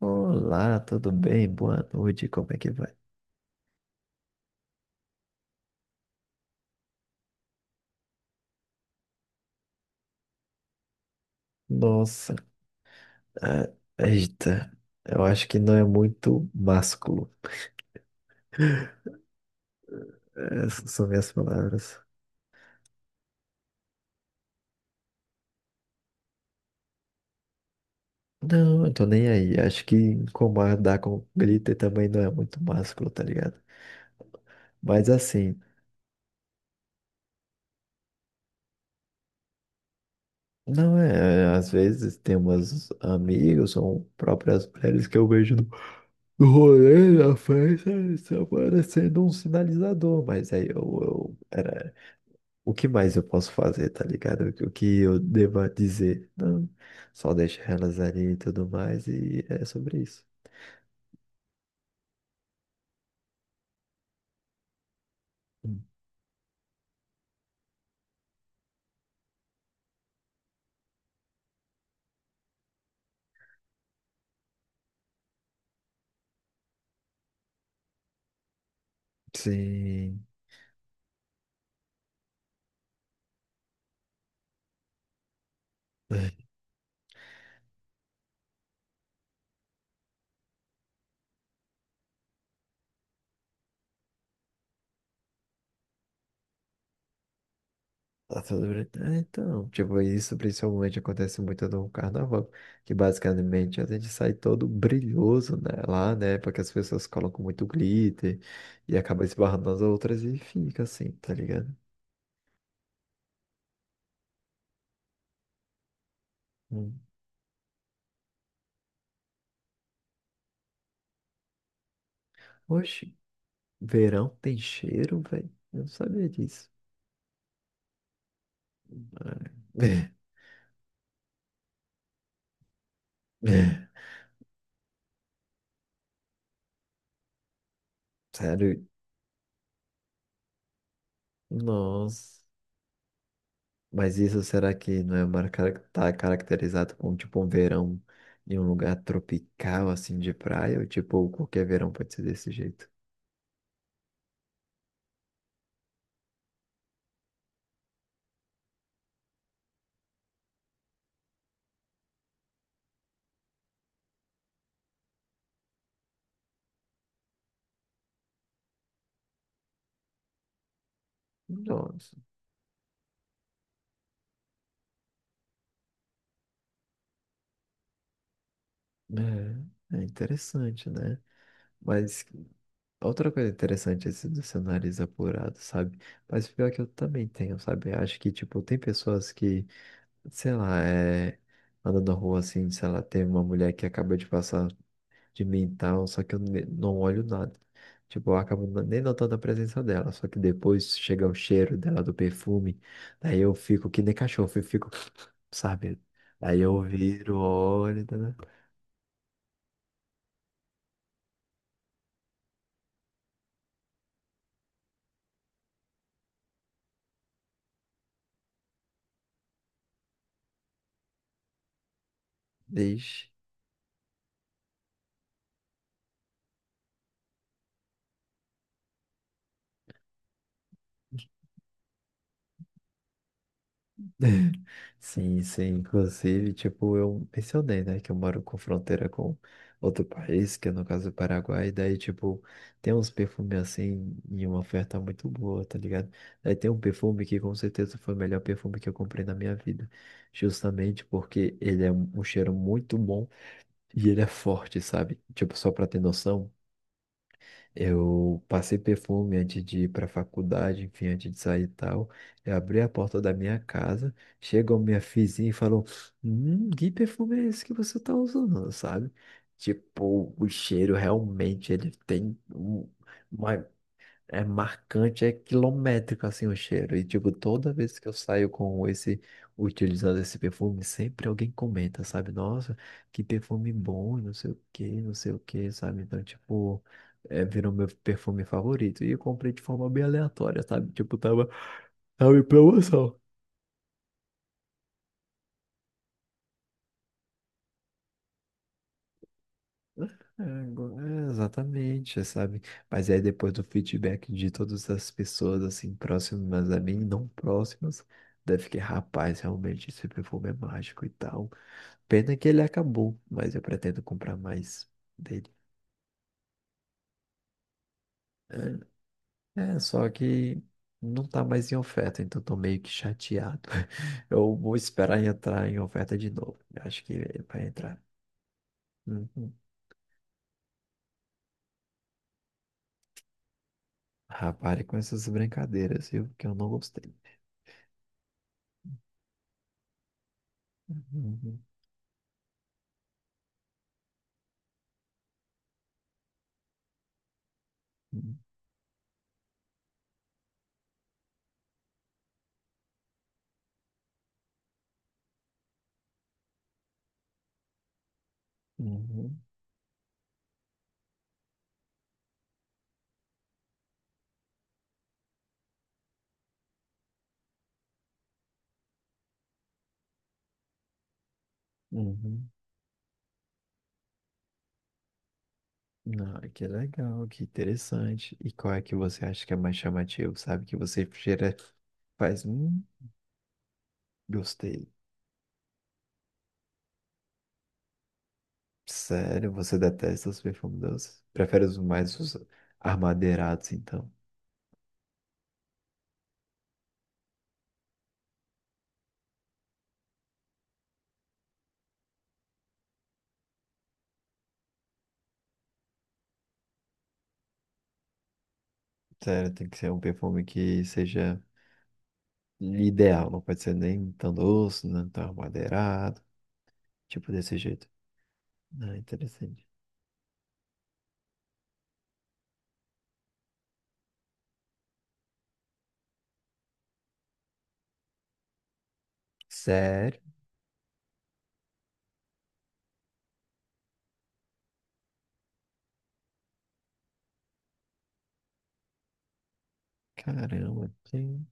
Olá, tudo bem? Boa noite, como é que vai? Nossa, ah, eita, eu acho que não é muito másculo. Essas são minhas palavras. Não, eu tô nem aí. Acho que incomodar com glitter também não é muito másculo, tá ligado? Mas assim, não é. É, às vezes tem umas amigos ou próprias mulheres que eu vejo no rolê, na festa, eles aparecendo um sinalizador. Mas aí eu era o que mais eu posso fazer, tá ligado? O que eu deva dizer? Não, só deixa elas ali e tudo mais, e é sobre isso. Hum. Sim. Tá tudo bem. É, então, tipo, isso principalmente acontece muito no carnaval, que basicamente a gente sai todo brilhoso, né, lá, né, porque as pessoas colocam muito glitter e acaba esbarrando nas outras e fica assim, tá ligado? Hum. Oxe, verão tem cheiro, velho? Eu não sabia disso. É. Sério? Nossa. Mas isso será que não é uma cara tá caracterizado como tipo um verão em um lugar tropical assim de praia? Ou tipo, qualquer verão pode ser desse jeito? Nossa. É, é interessante, né? Mas outra coisa interessante é esse do seu nariz apurado, sabe? Mas pior é que eu também tenho, sabe? Acho que, tipo, tem pessoas que, sei lá, é, andando na rua assim, sei lá, tem uma mulher que acaba de passar. De mental, só que eu não olho nada. Tipo, eu acabo nem notando a presença dela, só que depois chega o cheiro dela do perfume, daí eu fico que nem cachorro, eu fico, sabe? Aí eu viro, olho, tá, né? Ixi. Sim, sim. Inclusive, tipo, eu mencionei, né, que eu moro com fronteira com outro país, que é no caso o Paraguai, daí, tipo, tem uns perfumes assim e uma oferta muito boa, tá ligado? Daí tem um perfume que com certeza foi o melhor perfume que eu comprei na minha vida, justamente porque ele é um cheiro muito bom e ele é forte, sabe? Tipo, só pra ter noção. Eu passei perfume antes de ir para a faculdade, enfim, antes de sair e tal. Eu abri a porta da minha casa, chegou minha vizinha e falou: que perfume é esse que você tá usando, sabe? Tipo, o cheiro realmente ele tem uma, é marcante, é quilométrico assim o cheiro. E tipo, toda vez que eu saio com esse, utilizando esse perfume, sempre alguém comenta, sabe? Nossa, que perfume bom, não sei o que, não sei o que, sabe? Então, tipo, é, virou meu perfume favorito. E eu comprei de forma bem aleatória, sabe? Tipo, tava em promoção. É, é, exatamente, sabe? Mas aí depois do feedback de todas as pessoas, assim, próximas a mim, não próximas, deve que, rapaz, realmente esse perfume é mágico e tal. Pena que ele acabou, mas eu pretendo comprar mais dele. É, é, só que não tá mais em oferta, então tô meio que chateado. Eu vou esperar entrar em oferta de novo. Eu acho que vai entrar. Uhum. Rapaz, com essas brincadeiras, viu? Que eu não gostei. Uhum. Uhum. Uhum, uhum. Ah, que legal, que interessante. E qual é que você acha que é mais chamativo, sabe? Que você cheira, faz, gostei. Sério, você detesta os perfumes doces? Prefere os mais os armadeirados, então? Sério, tem que ser um perfume que seja ideal, não pode ser nem tão doce, nem tão armadeirado, tipo desse jeito. Ah, interessante. Sério? Caramba, tem.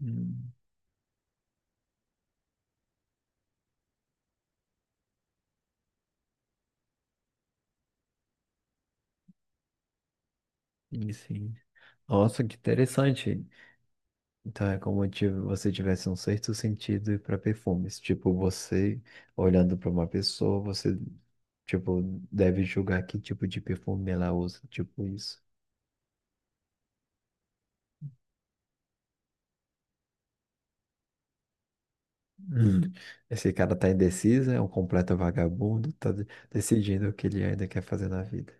Hum, isso aí. Nossa, que interessante. Então é como se você tivesse um certo sentido para perfumes. Tipo, você olhando para uma pessoa, você tipo deve julgar que tipo de perfume ela usa, tipo isso. Hum, esse cara tá indeciso, é um completo vagabundo, tá decidindo o que ele ainda quer fazer na vida.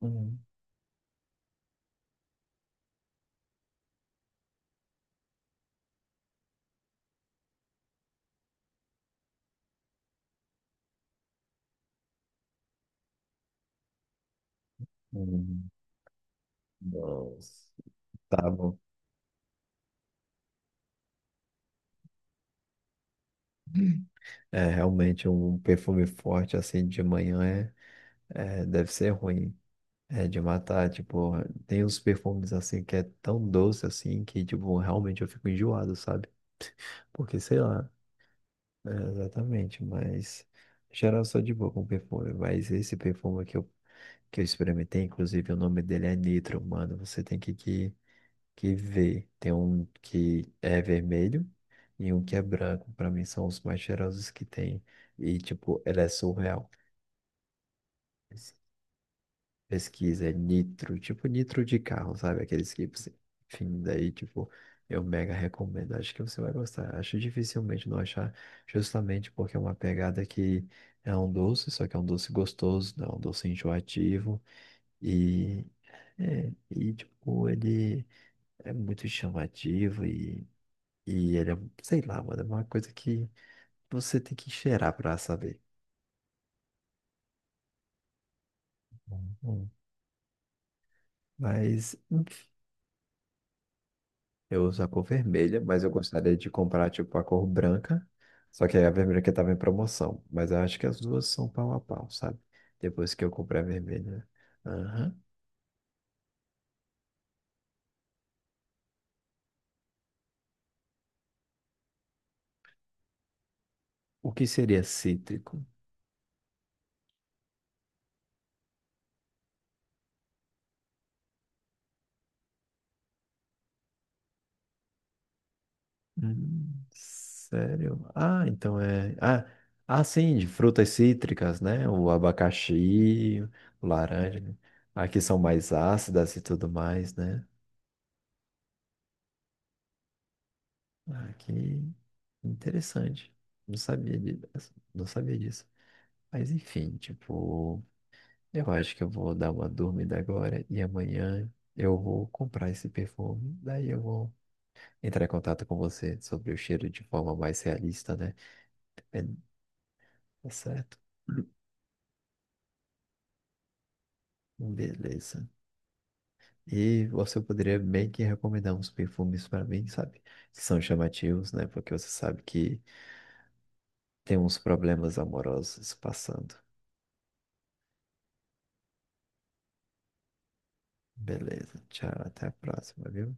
Hum, hum, Nossa. Tá bom. É realmente um perfume forte assim de manhã é, é, deve ser ruim. É de matar, tipo, tem uns perfumes assim que é tão doce assim que, tipo, realmente eu fico enjoado, sabe? Porque, sei lá, é, exatamente, mas em geral eu sou de boa com perfume, mas esse perfume que eu experimentei, inclusive o nome dele é Nitro, mano, você tem que ver. Tem um que é vermelho e um que é branco, pra mim são os mais cheirosos que tem, e, tipo, ele é surreal. Pesquisa, é nitro, tipo nitro de carro, sabe? Aqueles que você. Enfim, daí, tipo, eu mega recomendo. Acho que você vai gostar. Acho dificilmente não achar, justamente porque é uma pegada que é um doce, só que é um doce gostoso, não é um doce enjoativo. E, é, e tipo, ele é muito chamativo e ele é, sei lá, mano, é uma coisa que você tem que cheirar pra saber. Hum, hum. Mas, eu uso a cor vermelha, mas eu gostaria de comprar, tipo, a cor branca. Só que aí a vermelha que tava em promoção. Mas eu acho que as duas são pau a pau, sabe? Depois que eu comprei a vermelha. Aham. O que seria cítrico? Sério? Ah, então é. Ah, ah, sim, de frutas cítricas, né? O abacaxi, o laranja. Né? Aqui são mais ácidas e tudo mais, né? Ah, que interessante. Não sabia disso. Não sabia disso. Mas enfim, tipo, eu acho que eu vou dar uma dormida agora e amanhã eu vou comprar esse perfume. Daí eu vou entrar em contato com você sobre o cheiro de forma mais realista, né? Bem, tá certo? Beleza. E você poderia bem que recomendar uns perfumes para mim, sabe? Que são chamativos, né? Porque você sabe que tem uns problemas amorosos passando. Beleza. Tchau, até a próxima, viu?